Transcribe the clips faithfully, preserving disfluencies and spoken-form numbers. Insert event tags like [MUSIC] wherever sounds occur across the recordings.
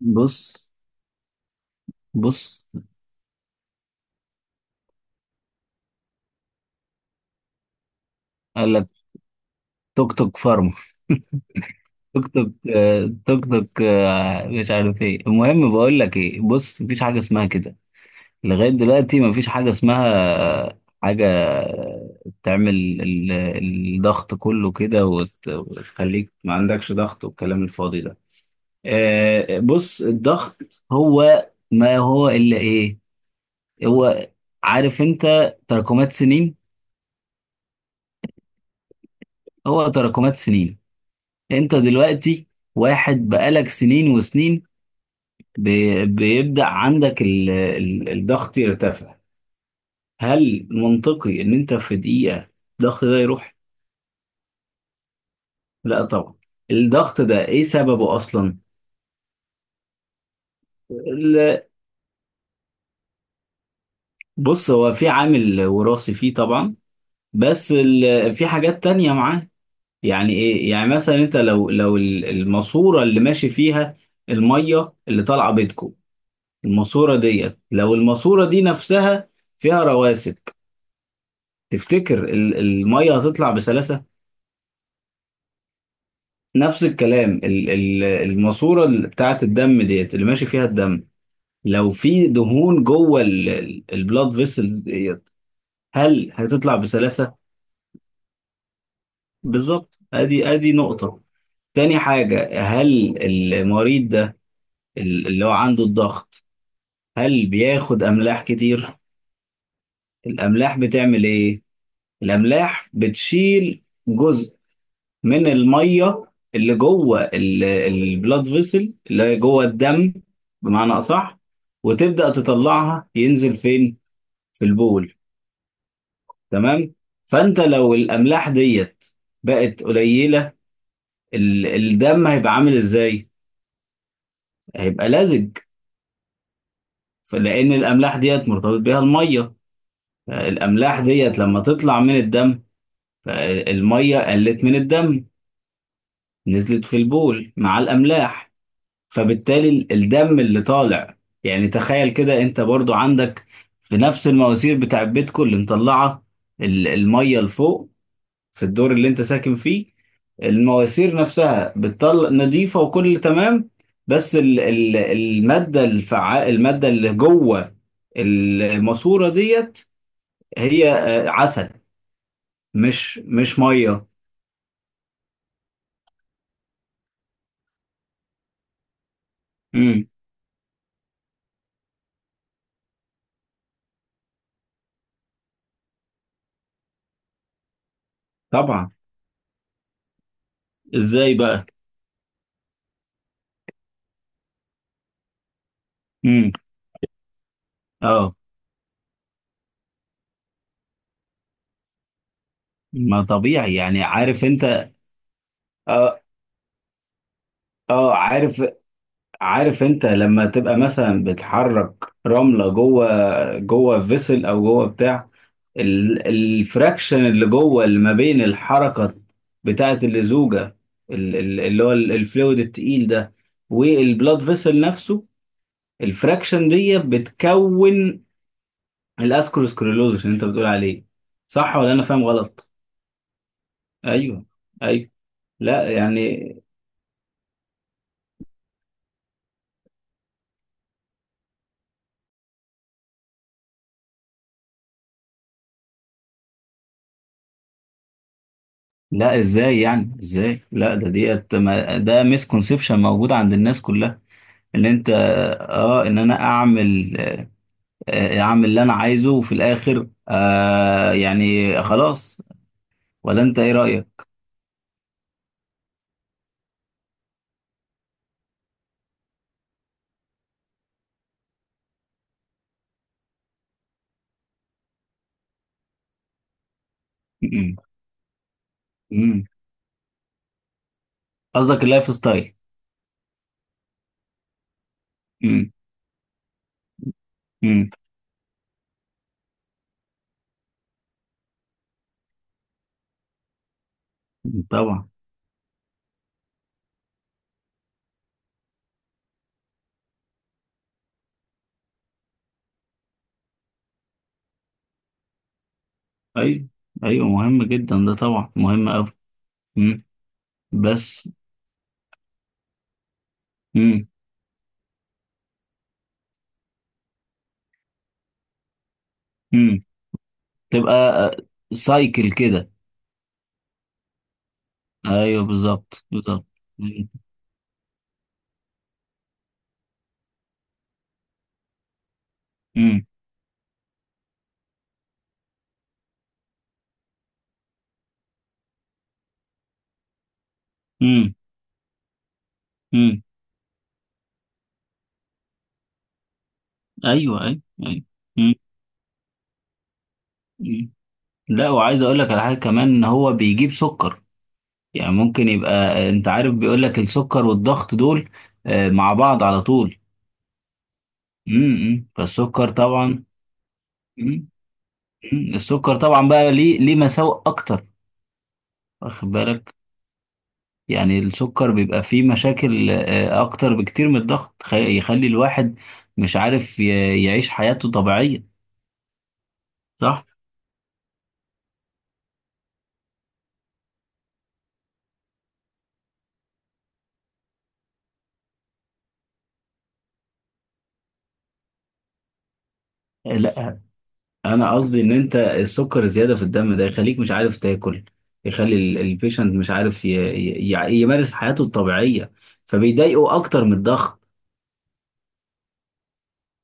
بص بص قال لك توك توك فارما، توك توك آه، توك توك آه، مش عارف ايه. المهم بقول لك ايه، بص، مفيش حاجه اسمها كده لغايه دلوقتي. مفيش حاجه اسمها آه، حاجه آه، تعمل ال- الضغط كله كده وت- وتخليك ما عندكش ضغط والكلام الفاضي ده. آه، بص، الضغط هو ما هو الا ايه؟ هو، عارف انت، تراكمات سنين. هو تراكمات سنين. انت دلوقتي واحد بقالك سنين وسنين بي- بيبدأ عندك ال- ال- الضغط يرتفع. هل منطقي ان انت في دقيقة الضغط ده يروح؟ لا طبعا. الضغط ده ايه سببه اصلا؟ ال- بص، هو في عامل وراثي فيه طبعا، بس ال- في حاجات تانية معاه. يعني ايه؟ يعني مثلا انت لو لو ال- الماسورة اللي ماشي فيها المية اللي طالعة بيتكم، الماسورة ديت، لو الماسورة دي نفسها فيها رواسب، تفتكر ال- المية هتطلع بسلاسة؟ نفس الكلام، ال- ال- الماسورة ال- بتاعة الدم ديت اللي ماشي فيها الدم، لو في دهون جوه البلاد فيسلز ديت، هل هتطلع بسلاسة؟ بالظبط. ادي ادي نقطة. تاني حاجة، هل المريض ده ال- اللي هو عنده الضغط هل بياخد أملاح كتير؟ الأملاح بتعمل إيه؟ الأملاح بتشيل جزء من الميه اللي جوه البلاد فيسل اللي هي جوه الدم، بمعنى اصح، وتبدا تطلعها ينزل فين؟ في البول. تمام. فانت لو الاملاح ديت بقت قليله، ال- الدم هيبقى عامل ازاي؟ هيبقى لزج. فلان الاملاح ديت مرتبط بيها الميه، الاملاح ديت لما تطلع من الدم، الميه قلت من الدم، نزلت في البول مع الاملاح، فبالتالي ال- الدم اللي طالع. يعني تخيل كده انت برضو عندك في نفس المواسير بتاع بيتكم اللي مطلعه ال- الميه لفوق في الدور اللي انت ساكن فيه، المواسير نفسها بتطلع نظيفه وكل تمام، بس ال ال الماده الفعال، الماده اللي جوه الماسوره ديت، هي آه، عسل، مش مش ميه. امم، طبعا. ازاي بقى؟ امم. اه، ما طبيعي يعني، عارف انت. آه، اه عارف. عارف انت لما تبقى مثلا بتحرك رملة جوه، جوه فيسل او جوه بتاع ال- الفراكشن اللي جوه اللي ما بين الحركة بتاعة اللزوجة، ال- ال- اللي هو ال- الفلويد التقيل ده والبلاد فيسل نفسه، الفراكشن دي بتكون الاسكروسكليروز اللي انت بتقول عليه، صح ولا انا فاهم غلط؟ ايوه، ايوه. لا يعني، لا ازاي يعني ازاي؟ لا، ده ديت ما- ده مسكونسبشن موجود عند الناس كلها، ان انت اه، ان انا اعمل آه، اعمل اللي انا عايزه وفي الاخر آه يعني خلاص. ولا انت ايه رأيك؟ م-م. م-م. قصدك اللايف ستايل. م-م. م-م. طبعا. ايوه، ايوه، مهم جدا ده، طبعا مهم قوي. بس. م-م. م-م. تبقى سايكل كده. ايوه، بالظبط بالظبط. م-م. م-م. م-م. ايوه ايوه ايوه. مم. مم. لا، وعايز اقول لك على حاجه كمان، ان هو بيجيب سكر. يعني ممكن يبقى آه، انت عارف، بيقول لك السكر والضغط دول آه، مع بعض على طول. امم، فالسكر طبعا. مم. مم. السكر طبعا بقى ليه ليه مساوئ اكتر، واخد بالك. يعني السكر بيبقى فيه مشاكل آه، اكتر بكتير من الضغط. خ- يخلي الواحد مش عارف ي- يعيش حياته طبيعيه، صح؟ لا، انا قصدي ان انت السكر الزياده في الدم ده يخليك مش عارف تاكل. يخلي البيشنت مش عارف ي... ي... ي- يمارس حياته الطبيعيه، فبيضايقه اكتر من الضغط.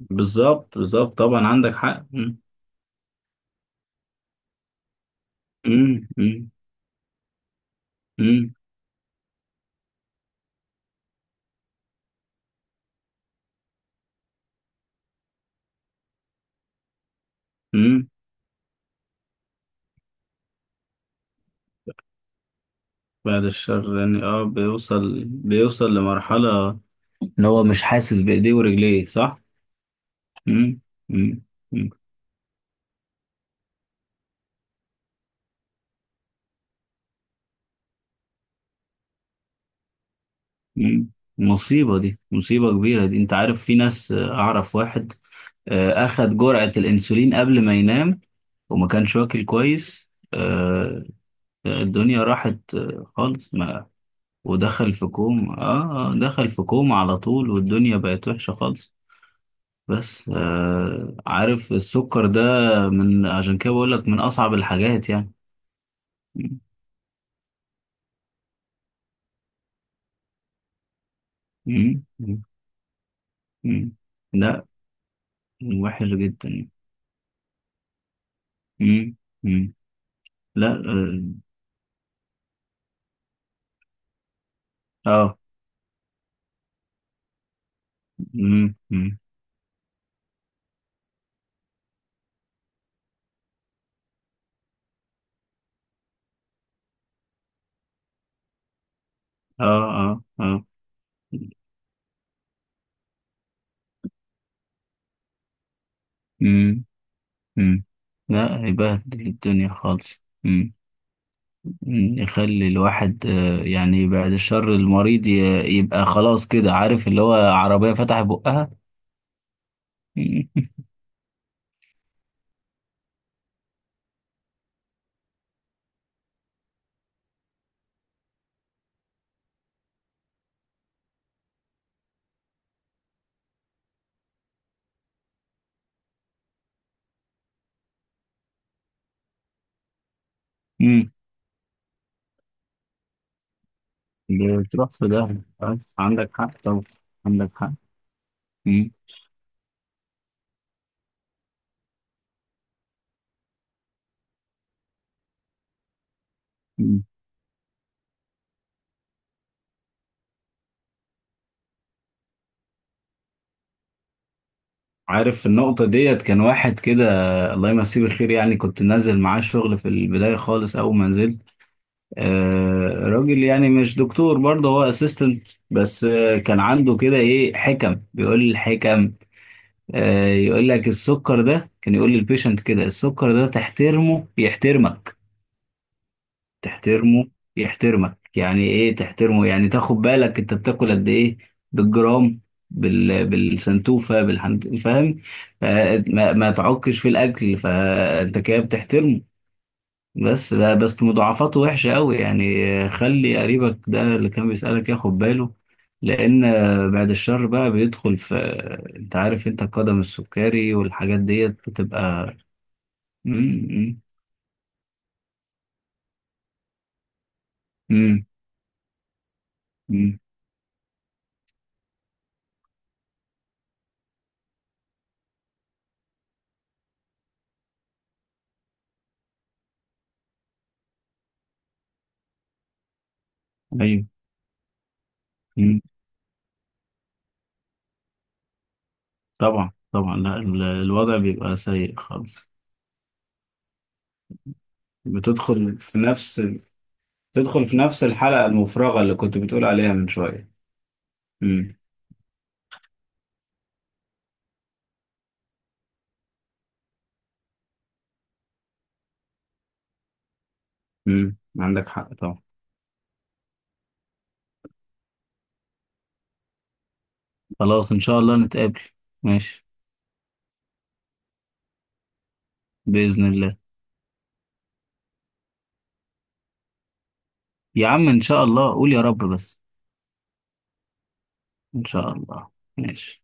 بالظبط، بالظبط، طبعا عندك حق. مم. مم. مم. مم. مم. بعد الشر يعني. اه، بيوصل بيوصل لمرحله ان هو مش حاسس بايديه ورجليه، صح؟ مم. مم. مم. مم. مصيبه دي، مصيبه كبيره دي. انت عارف، في ناس آه، اعرف واحد آه، اخد جرعه الانسولين قبل ما ينام وما كانش واكل كويس. آه، الدنيا راحت آه، خالص. ما ودخل في كوم، اه، آه، دخل في كوم على طول والدنيا بقت وحشة خالص. بس آه، عارف، السكر ده، من عشان كده بقول لك، من أصعب الحاجات يعني. مم، مم، مم. مم. لا، وحش جدا. مم، مم. لا. اه آه، مم، مم. اه اه اه. مم، مم. لا، يبهدل الدنيا خالص. مم. يخلي الواحد آه، يعني بعد الشر المريض ي- يبقى خلاص كده، عارف اللي هو، عربية فتح بقها. [LAUGHS] مم. بتروح في ده. عندك حق طبعا. عندك حق. مم. مم. عارف النقطة ديت، كان واحد كده، الله يمسيه بالخير، يعني كنت نازل معاه الشغل في البداية خالص، أول ما نزلت، آه، راجل يعني مش دكتور برضه، هو اسيستنت بس، آه كان عنده كده إيه، حكم، بيقول الحكم آه، يقول لك السكر ده، كان يقول للبيشنت كده: السكر ده تحترمه يحترمك. تحترمه يحترمك. يعني ايه تحترمه؟ يعني تاخد بالك انت بتاكل قد ايه، بالجرام، بال... بالسنتوفة بالحنت، فاهم. آه، ما... ما تعكش في الاكل، فانت كده بتحترمه. بس لا، بس مضاعفاته وحشة قوي يعني. خلي قريبك ده اللي كان بيسألك ياخد باله، لأن بعد الشر بقى، بيدخل في، أنت عارف أنت، القدم السكري والحاجات ديت بتبقى. مم، مم، مم، مم. أيوه. مم. طبعا طبعا. لا، ال- الوضع بيبقى سيء خالص. بتدخل في نفس، بتدخل في نفس الحلقة المفرغة اللي كنت بتقول عليها من شوية. مم، مم. عندك حق طبعا. خلاص إن شاء الله نتقابل. ماشي. بإذن الله. يا عم إن شاء الله، قول يا رب بس. إن شاء الله. ماشي.